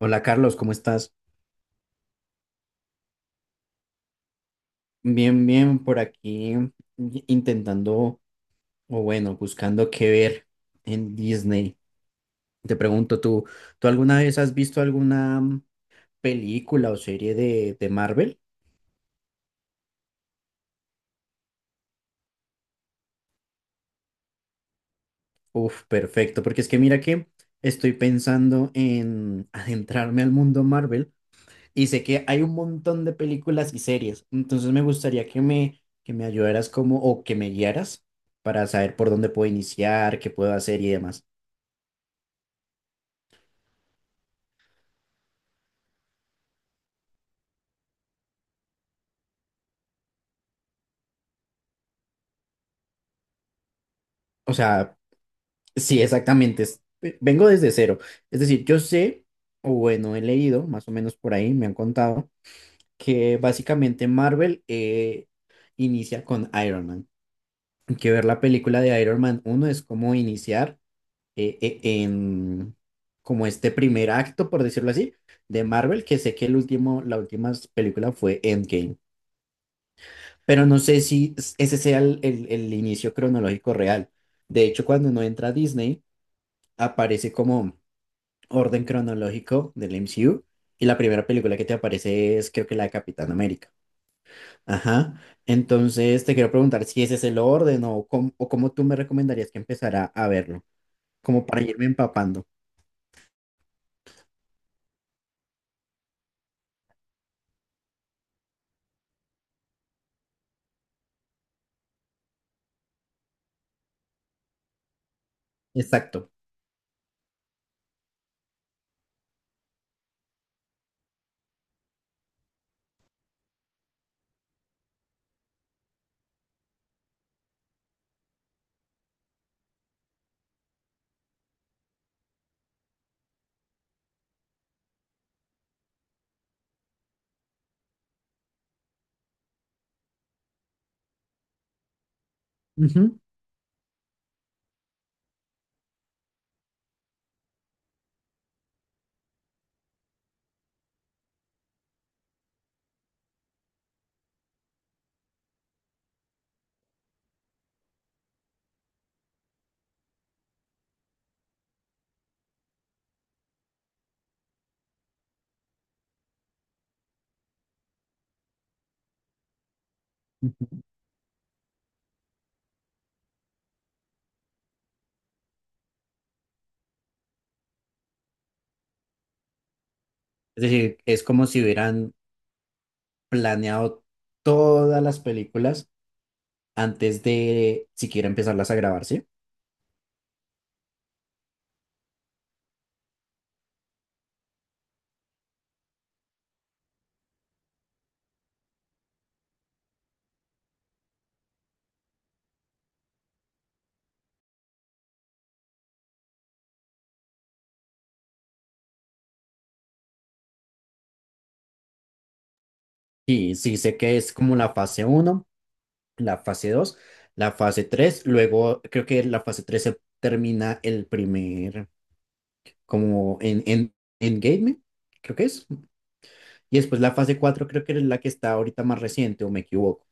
Hola Carlos, ¿cómo estás? Bien, bien, por aquí intentando, o bueno, buscando qué ver en Disney. Te pregunto, ¿tú alguna vez has visto alguna película o serie de Marvel? Uf, perfecto, porque es que mira que estoy pensando en adentrarme al mundo Marvel y sé que hay un montón de películas y series, entonces me gustaría que que me ayudaras como, o que me guiaras para saber por dónde puedo iniciar, qué puedo hacer y demás. O sea, sí, exactamente. Vengo desde cero. Es decir, yo sé, o bueno, he leído, más o menos por ahí, me han contado, que básicamente Marvel inicia con Iron Man. Que ver la película de Iron Man uno es como iniciar en como este primer acto, por decirlo así, de Marvel, que sé que el último, la última película fue Endgame. Pero no sé si ese sea el, el inicio cronológico real. De hecho, cuando uno entra a Disney, aparece como orden cronológico del MCU y la primera película que te aparece es creo que la de Capitán América. Ajá. Entonces te quiero preguntar si ese es el orden o cómo tú me recomendarías que empezara a verlo, como para irme empapando. Exacto. Ujú, ujú. Es decir, es como si hubieran planeado todas las películas antes de siquiera empezarlas a grabar, ¿sí? Sí, sí sé que es como la fase uno, la fase 2, la fase 3, luego creo que la fase 3 se termina el primer, como en Endgame, creo que es, y después la fase 4 creo que es la que está ahorita más reciente, o me equivoco.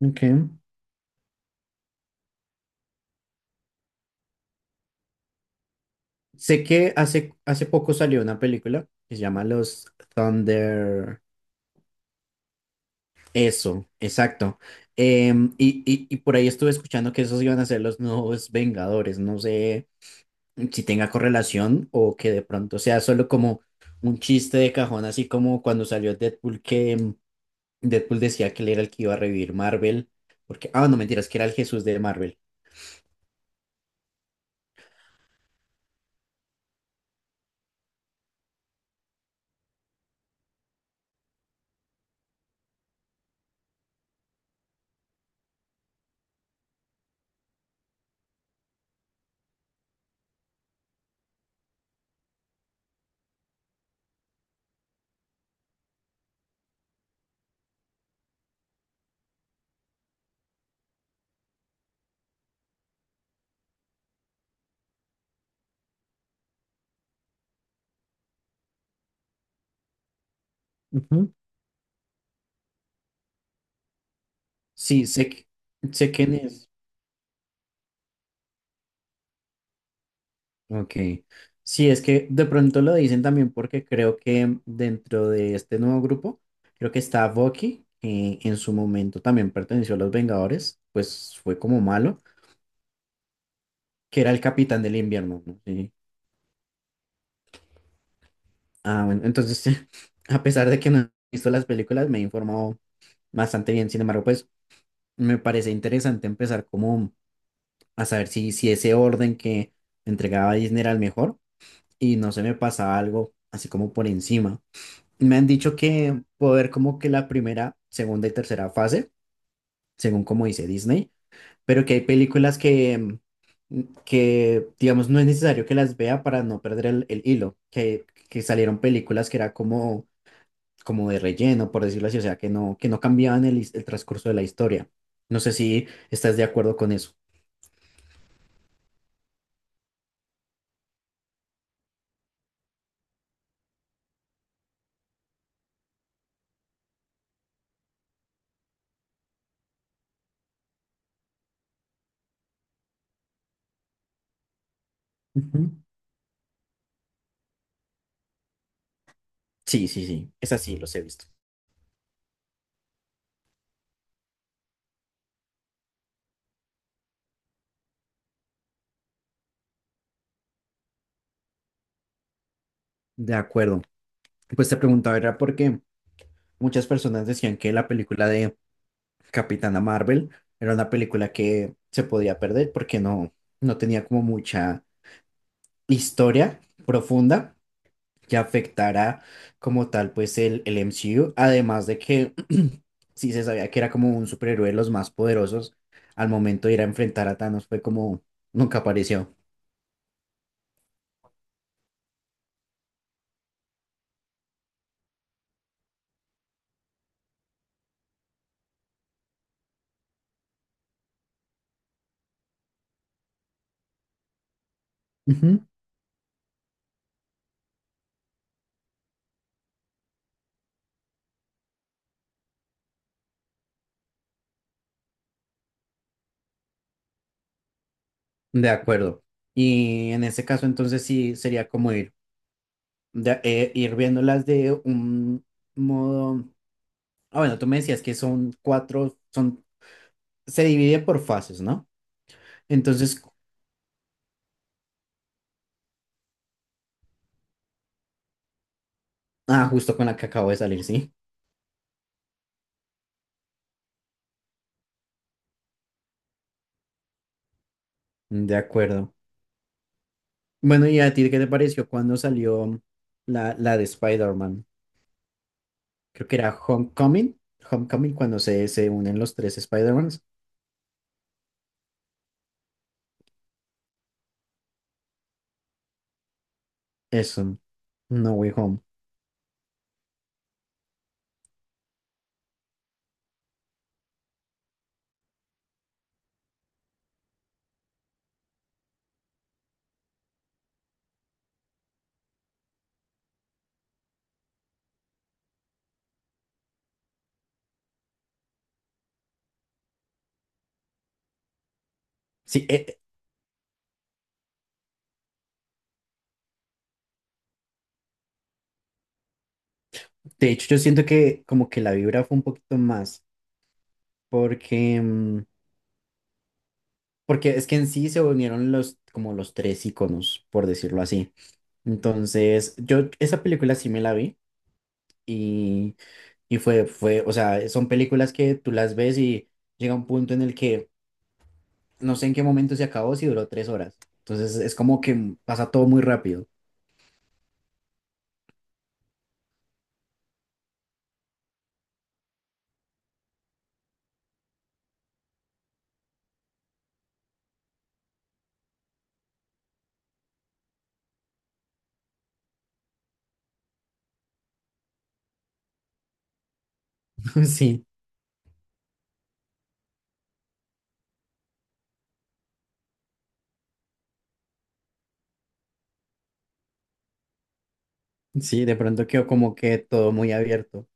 Ok. Sé que hace poco salió una película que se llama Los Thunder. Eso, exacto. Y por ahí estuve escuchando que esos iban a ser los nuevos Vengadores. No sé si tenga correlación o que de pronto sea solo como un chiste de cajón, así como cuando salió Deadpool, que Deadpool decía que él era el que iba a revivir Marvel, porque, ah, no mentiras, que era el Jesús de Marvel. Ujú. Sí, sé, sé quién es. Ok. Sí, es que de pronto lo dicen también porque creo que dentro de este nuevo grupo, creo que está Bucky, que en su momento también perteneció a los Vengadores, pues fue como malo, que era el capitán del invierno, ¿no? Sí. Ah, bueno, entonces, sí, a pesar de que no he visto las películas, me he informado bastante bien. Sin embargo, pues me parece interesante empezar como a saber si ese orden que entregaba Disney era el mejor y no se me pasaba algo así como por encima. Me han dicho que puedo ver como que la primera, segunda y tercera fase, según como dice Disney, pero que hay películas que, que digamos, no es necesario que las vea para no perder el hilo, que salieron películas que era como como de relleno, por decirlo así, o sea, que no cambiaban el, el transcurso de la historia. No sé si estás de acuerdo con eso. Ujú. Sí, sí, sí, es así, los he visto. De acuerdo. Pues te preguntaba, era porque muchas personas decían que la película de Capitana Marvel era una película que se podía perder porque no, no tenía como mucha historia profunda, que afectara como tal pues el MCU, además de que sí se sabía que era como un superhéroe de los más poderosos, al momento de ir a enfrentar a Thanos fue como nunca apareció. Ujú. De acuerdo. Y en ese caso entonces sí sería como ir, ir viéndolas de un modo... Ah, bueno, tú me decías que son cuatro, son, se divide por fases, ¿no? Entonces, ah, justo con la que acabo de salir, sí. De acuerdo. Bueno, ¿y a ti qué te pareció cuando salió la de Spider-Man? Creo que era Homecoming. Homecoming cuando se unen los tres Spider-Mans. Eso, No Way Home. Sí, de hecho yo siento que como que la vibra fue un poquito más porque, porque es que en sí se unieron los, como los tres iconos, por decirlo así. Entonces, yo esa película sí me la vi y, y fue, fue, o sea, son películas que tú las ves y llega un punto en el que no sé en qué momento se acabó, si duró tres horas. Entonces es como que pasa todo muy rápido. Sí, sí, de pronto quedó como que todo muy abierto.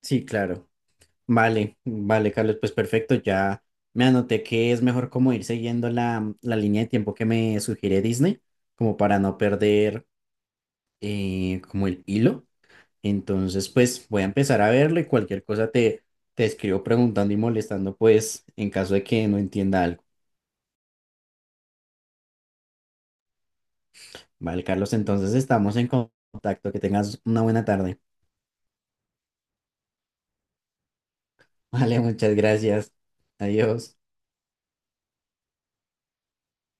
Sí, claro. Vale, vale, Carlos, pues perfecto, ya me anoté que es mejor como ir siguiendo la, la línea de tiempo que me sugiere Disney, como para no perder como el hilo. Entonces, pues voy a empezar a verlo y cualquier cosa te, te escribo preguntando y molestando, pues en caso de que no entienda algo. Vale, Carlos, entonces estamos en contacto. Que tengas una buena tarde. Vale, muchas gracias. Adiós.